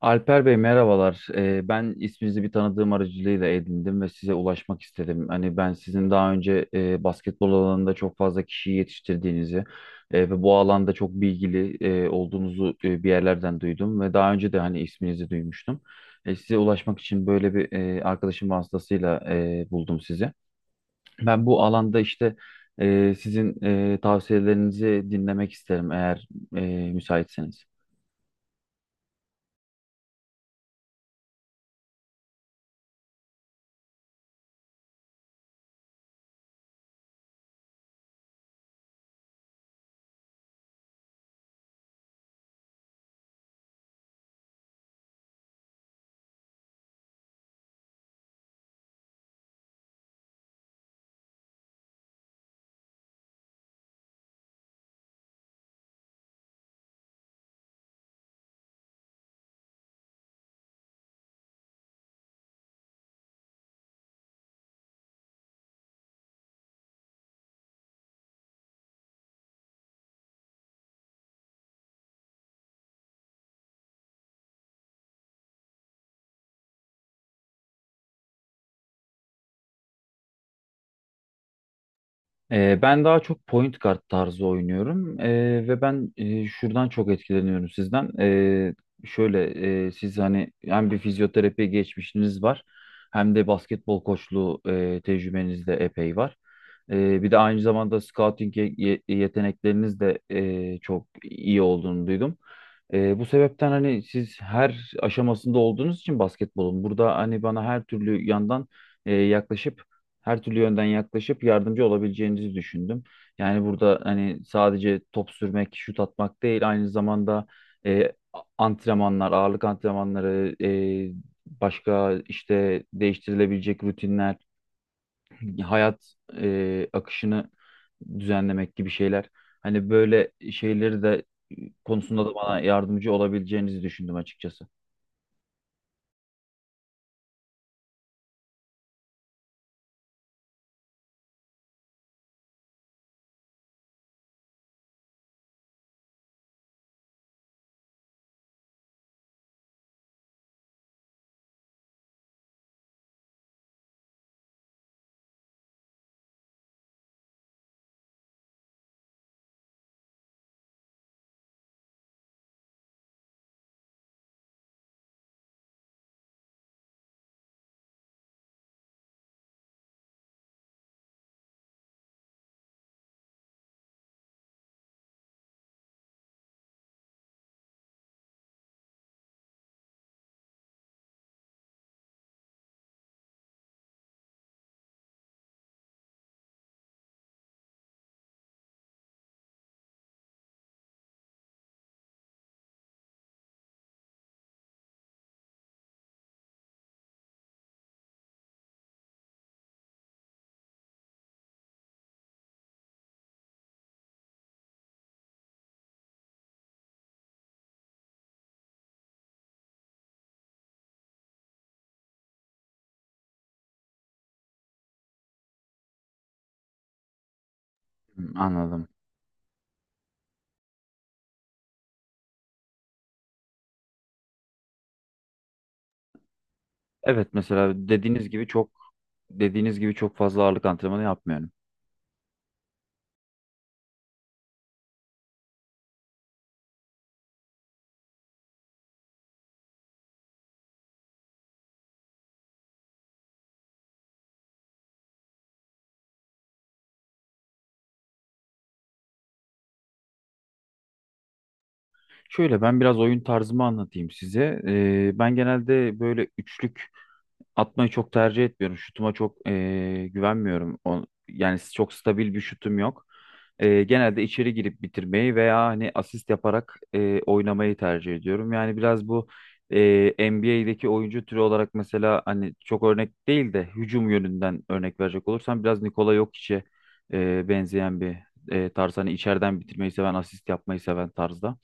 Alper Bey, merhabalar. Ben isminizi bir tanıdığım aracılığıyla edindim ve size ulaşmak istedim. Hani ben sizin daha önce basketbol alanında çok fazla kişiyi yetiştirdiğinizi ve bu alanda çok bilgili olduğunuzu bir yerlerden duydum ve daha önce de hani isminizi duymuştum. Size ulaşmak için böyle bir arkadaşım vasıtasıyla buldum sizi. Ben bu alanda işte sizin tavsiyelerinizi dinlemek isterim, eğer e, müsaitseniz. Ben daha çok point guard tarzı oynuyorum. Ve ben şuradan çok etkileniyorum sizden. Şöyle, siz hani hem bir fizyoterapi geçmişiniz var, hem de basketbol koçluğu tecrübeniz de epey var. Bir de aynı zamanda scouting yetenekleriniz de çok iyi olduğunu duydum. Bu sebepten hani siz her aşamasında olduğunuz için basketbolun, burada hani bana her türlü yandan yaklaşıp her türlü yönden yaklaşıp yardımcı olabileceğinizi düşündüm. Yani burada hani sadece top sürmek, şut atmak değil, aynı zamanda e, antrenmanlar, ağırlık antrenmanları, başka işte değiştirilebilecek rutinler, hayat akışını düzenlemek gibi şeyler. Hani böyle şeyleri de konusunda da bana yardımcı olabileceğinizi düşündüm açıkçası. Hmm, anladım. Evet, mesela dediğiniz gibi çok dediğiniz gibi çok fazla ağırlık antrenmanı yapmıyorum. Şöyle, ben biraz oyun tarzımı anlatayım size. Ben genelde böyle üçlük atmayı çok tercih etmiyorum. Şutuma çok güvenmiyorum. Yani çok stabil bir şutum yok. Genelde içeri girip bitirmeyi veya hani asist yaparak oynamayı tercih ediyorum. Yani biraz bu NBA'deki oyuncu türü olarak, mesela hani çok örnek değil de hücum yönünden örnek verecek olursam, biraz Nikola Jokic'e benzeyen bir tarz. Hani içeriden bitirmeyi seven, asist yapmayı seven tarzda.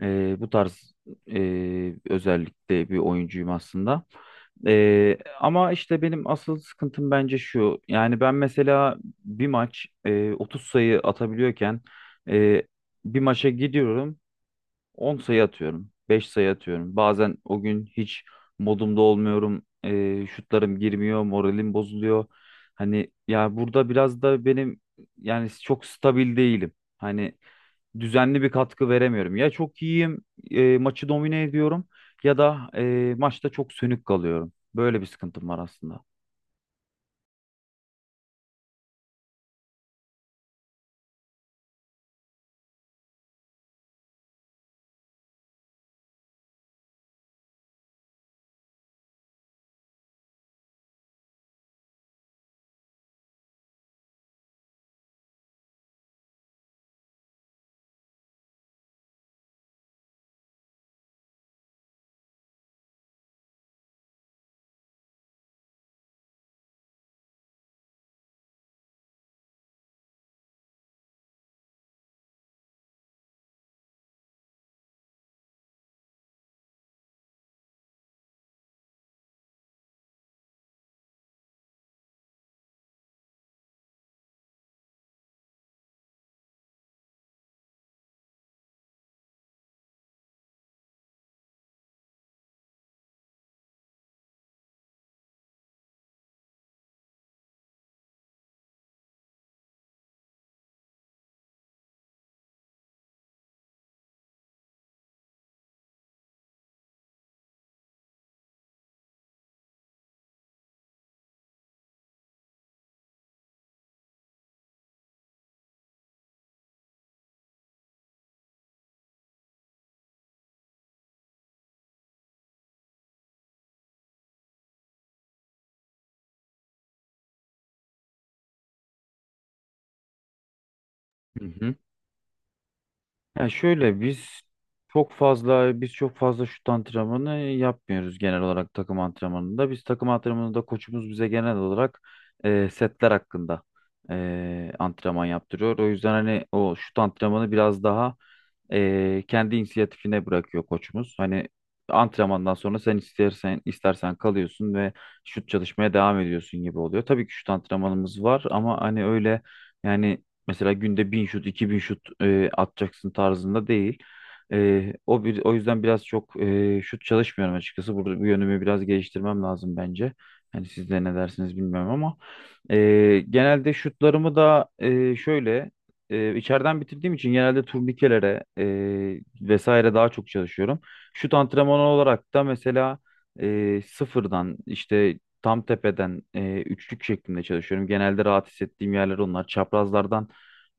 Bu tarz özellikle bir oyuncuyum aslında. Ama işte benim asıl sıkıntım bence şu. Yani ben mesela bir maç 30 sayı atabiliyorken, e, bir maça gidiyorum, 10 sayı atıyorum. 5 sayı atıyorum. Bazen o gün hiç modumda olmuyorum. Şutlarım girmiyor. Moralim bozuluyor. Hani ya, burada biraz da benim, yani çok stabil değilim. Hani düzenli bir katkı veremiyorum. Ya çok iyiyim, maçı domine ediyorum, ya da maçta çok sönük kalıyorum. Böyle bir sıkıntım var aslında. Hı hı. Ya şöyle, biz çok fazla şut antrenmanı yapmıyoruz genel olarak takım antrenmanında. Biz takım antrenmanında, koçumuz bize genel olarak setler hakkında antrenman yaptırıyor. O yüzden hani o şut antrenmanı biraz daha kendi inisiyatifine bırakıyor koçumuz. Hani antrenmandan sonra sen istersen kalıyorsun ve şut çalışmaya devam ediyorsun gibi oluyor. Tabii ki şut antrenmanımız var ama hani öyle, yani mesela günde 1000 şut, 2000 şut atacaksın tarzında değil. O yüzden biraz çok şut çalışmıyorum açıkçası. Burada bu yönümü biraz geliştirmem lazım bence. Hani siz de ne dersiniz bilmiyorum, ama e, genelde şutlarımı da şöyle, içeriden bitirdiğim için genelde turnikelere vesaire daha çok çalışıyorum. Şut antrenmanı olarak da mesela sıfırdan, işte tam tepeden, üçlük şeklinde çalışıyorum. Genelde rahat hissettiğim yerler onlar. Çaprazlardan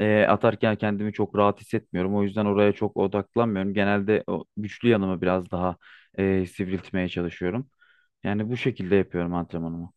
atarken kendimi çok rahat hissetmiyorum. O yüzden oraya çok odaklanmıyorum. Genelde o güçlü yanımı biraz daha sivriltmeye çalışıyorum. Yani bu şekilde yapıyorum antrenmanımı.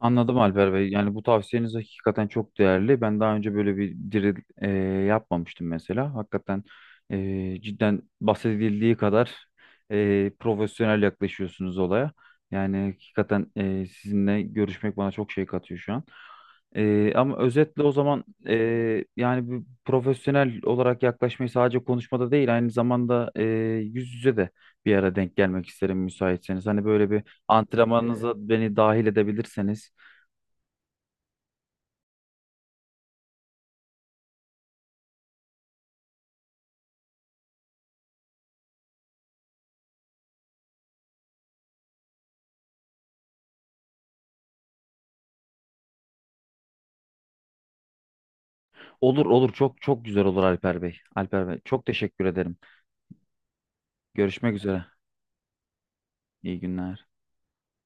Anladım Alper Bey. Yani bu tavsiyeniz hakikaten çok değerli. Ben daha önce böyle bir diril yapmamıştım mesela. Hakikaten cidden bahsedildiği kadar profesyonel yaklaşıyorsunuz olaya. Yani hakikaten sizinle görüşmek bana çok şey katıyor şu an. Ama özetle o zaman, yani bir profesyonel olarak yaklaşmayı sadece konuşmada değil, aynı zamanda yüz yüze de bir ara denk gelmek isterim müsaitseniz. Hani böyle bir antrenmanınıza beni dahil edebilirseniz. Olur olur, çok çok güzel olur Alper Bey. Alper Bey, çok teşekkür ederim. Görüşmek üzere. İyi günler.